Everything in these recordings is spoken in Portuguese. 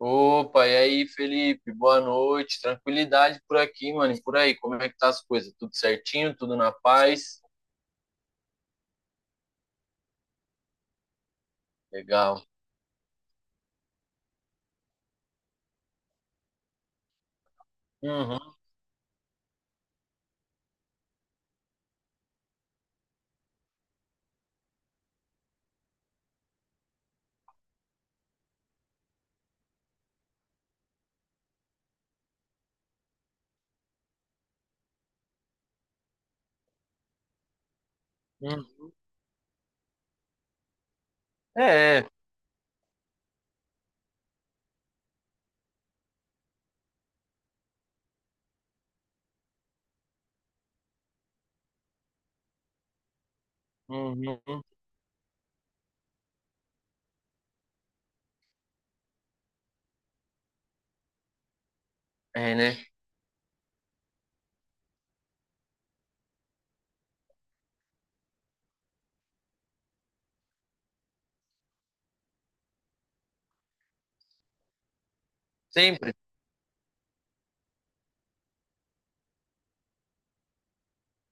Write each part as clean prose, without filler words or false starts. Opa, e aí, Felipe? Boa noite. Tranquilidade por aqui, mano. E por aí, como é que tá as coisas? Tudo certinho? Tudo na paz? Legal. Uhum, uhum. É, é. Uhum. É, né? Sempre.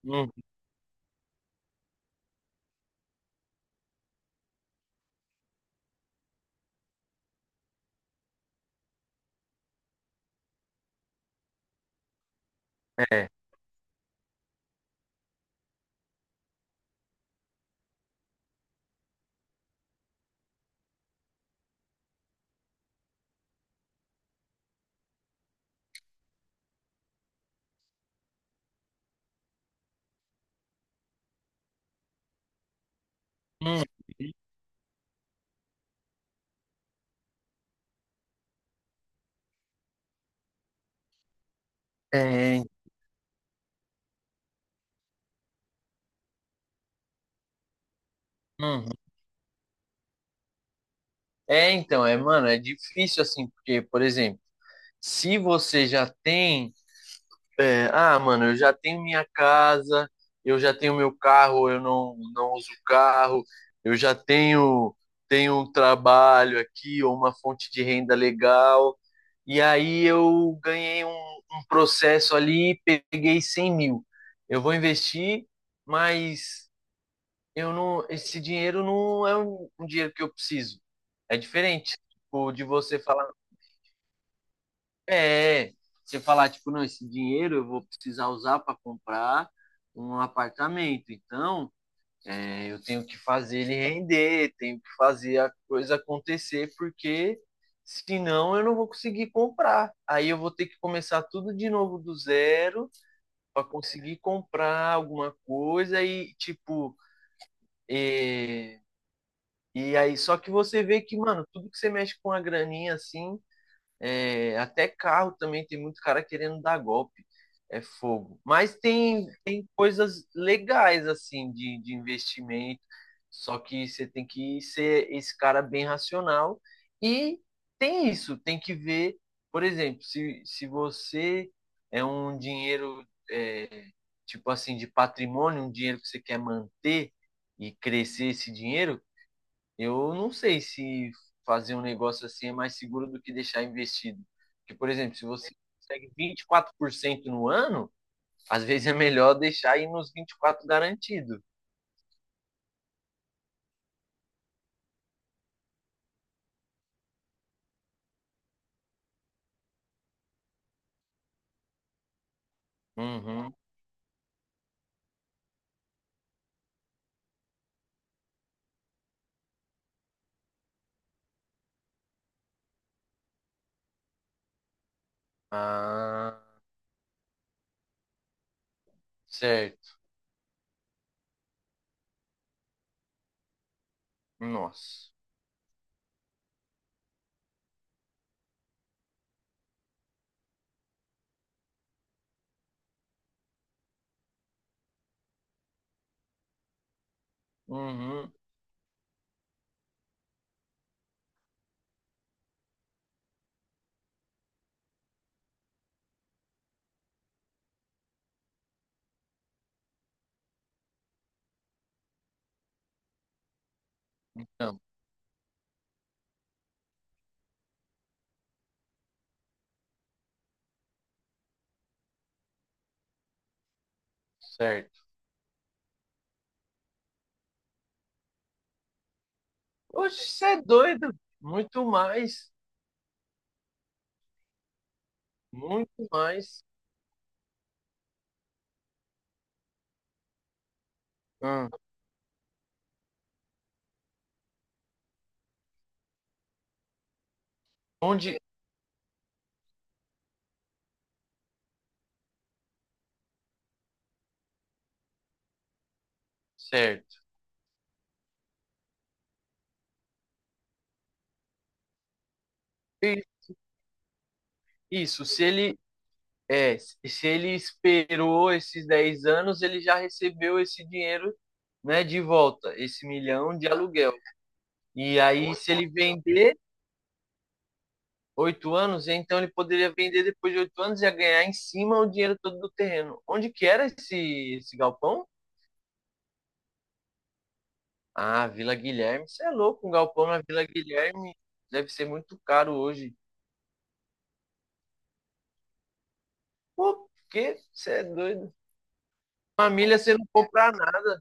Uhum. É. Uhum. É. Uhum. É, então, é, mano, é difícil assim, porque, por exemplo, se você já tem é, ah, mano, eu já tenho minha casa, eu já tenho meu carro, eu não, não uso carro, eu já tenho um trabalho aqui, ou uma fonte de renda legal. E aí eu ganhei um processo ali, peguei 100 mil. Eu vou investir, mas eu não, esse dinheiro não é um dinheiro que eu preciso. É diferente, tipo, de você falar. É, você falar, tipo, não, esse dinheiro eu vou precisar usar para comprar um apartamento. Então, é, eu tenho que fazer ele render, tenho que fazer a coisa acontecer, porque senão eu não vou conseguir comprar. Aí eu vou ter que começar tudo de novo do zero para conseguir comprar alguma coisa e, tipo, é, e aí, só que você vê que, mano, tudo que você mexe com a graninha assim, é, até carro também tem muito cara querendo dar golpe. É fogo. Mas tem coisas legais, assim, de investimento. Só que você tem que ser esse cara bem racional. E tem isso, tem que ver, por exemplo, se você é um dinheiro, é, tipo assim, de patrimônio, um dinheiro que você quer manter e crescer esse dinheiro, eu não sei se fazer um negócio assim é mais seguro do que deixar investido. Porque, por exemplo, se você consegue 24% no ano, às vezes é melhor deixar aí nos 24 garantido. Uhum. Ah, certo. Nossa. Uhum. Não, certo. Oxe, você é doido. Muito mais. Muito mais. Hum. Onde. Certo. E isso, se ele esperou esses 10 anos, ele já recebeu esse dinheiro, né, de volta, esse milhão de aluguel. E aí, se ele vender 8 anos, então ele poderia vender depois de 8 anos e ia ganhar em cima o dinheiro todo do terreno. Onde que era esse galpão? Ah, Vila Guilherme. Você é louco, um galpão na Vila Guilherme deve ser muito caro hoje. Pô, que? Você é doido. Família, você não compra nada.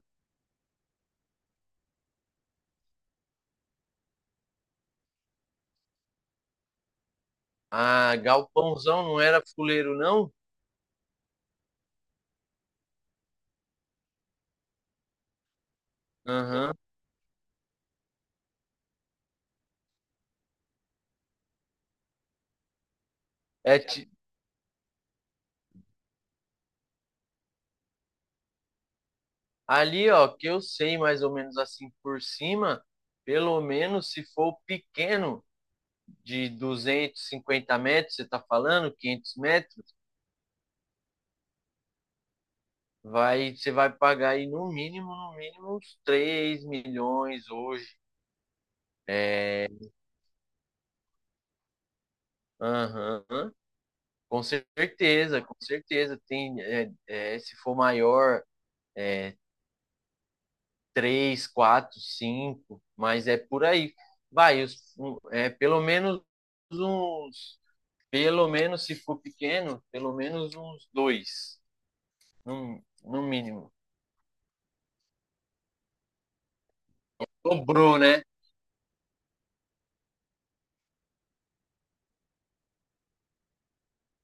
Ah, galpãozão não era fuleiro, não? Aham. É, ali, ó, que eu sei mais ou menos assim por cima, pelo menos se for pequeno, de 250 metros, você tá falando, 500 metros, você vai pagar aí no mínimo, no mínimo uns 3 milhões hoje. É, aham, com certeza, com certeza. Tem, se for maior, 3 4 5 mas é por aí. Vai, pelo menos uns pelo menos, se for pequeno, pelo menos uns dois, no mínimo. Dobrou, né?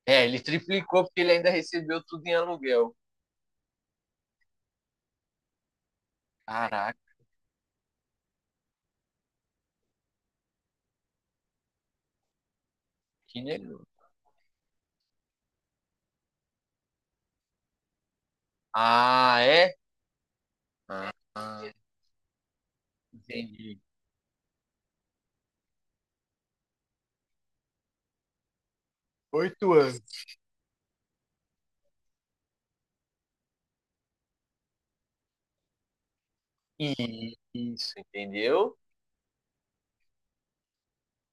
É, ele triplicou porque ele ainda recebeu tudo em aluguel. Caraca, que negócio. Ah, é? Ah, entendi. 8 anos. Isso, entendeu?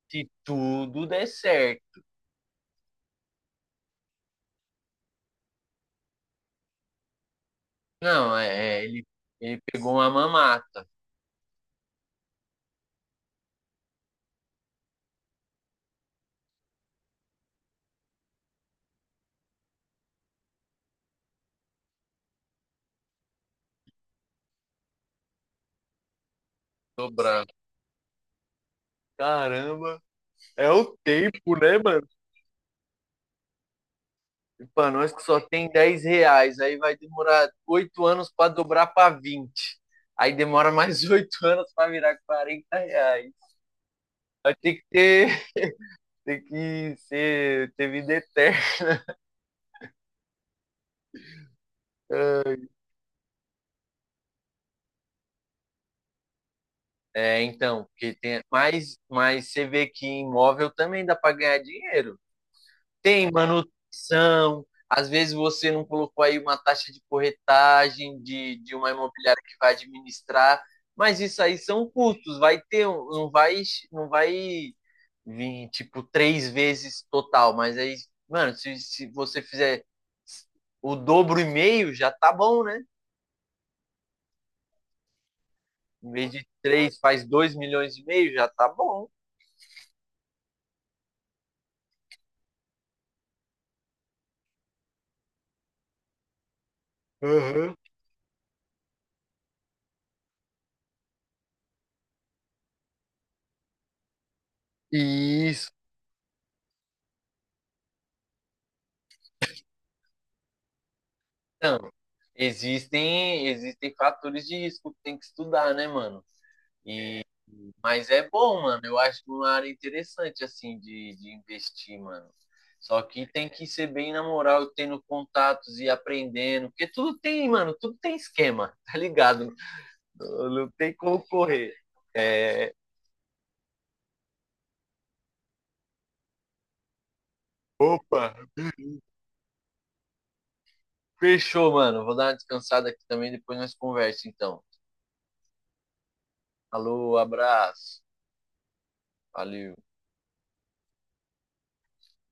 Se tudo der certo. Não, ele pegou uma mamata dobrada. Caramba. É o tempo, né, mano? E nós que só tem 10 reais, aí vai demorar 8 anos para dobrar para vinte. Aí demora mais 8 anos para virar 40 reais. Vai ter que ter, tem que ser, ter vida eterna. É, então, porque tem, mas você vê que imóvel também dá para ganhar dinheiro. Tem manutenção, às vezes você não colocou aí uma taxa de corretagem de uma imobiliária que vai administrar, mas isso aí são custos, vai ter, não vai vir tipo três vezes total, mas aí, mano, se você fizer o dobro e meio, já tá bom, né? Em vez de três, faz 2,5 milhões, já tá bom. Aham. Isso. Então, existem fatores de risco que tem que estudar, né, mano? E, mas é bom, mano. Eu acho uma área interessante, assim, de investir, mano. Só que tem que ser bem na moral, tendo contatos e aprendendo, porque tudo tem, mano, tudo tem esquema, tá ligado? Não, não tem como correr. É. Opa, fechou, mano. Vou dar uma descansada aqui também, depois nós conversa, então. Alô, abraço. Valeu.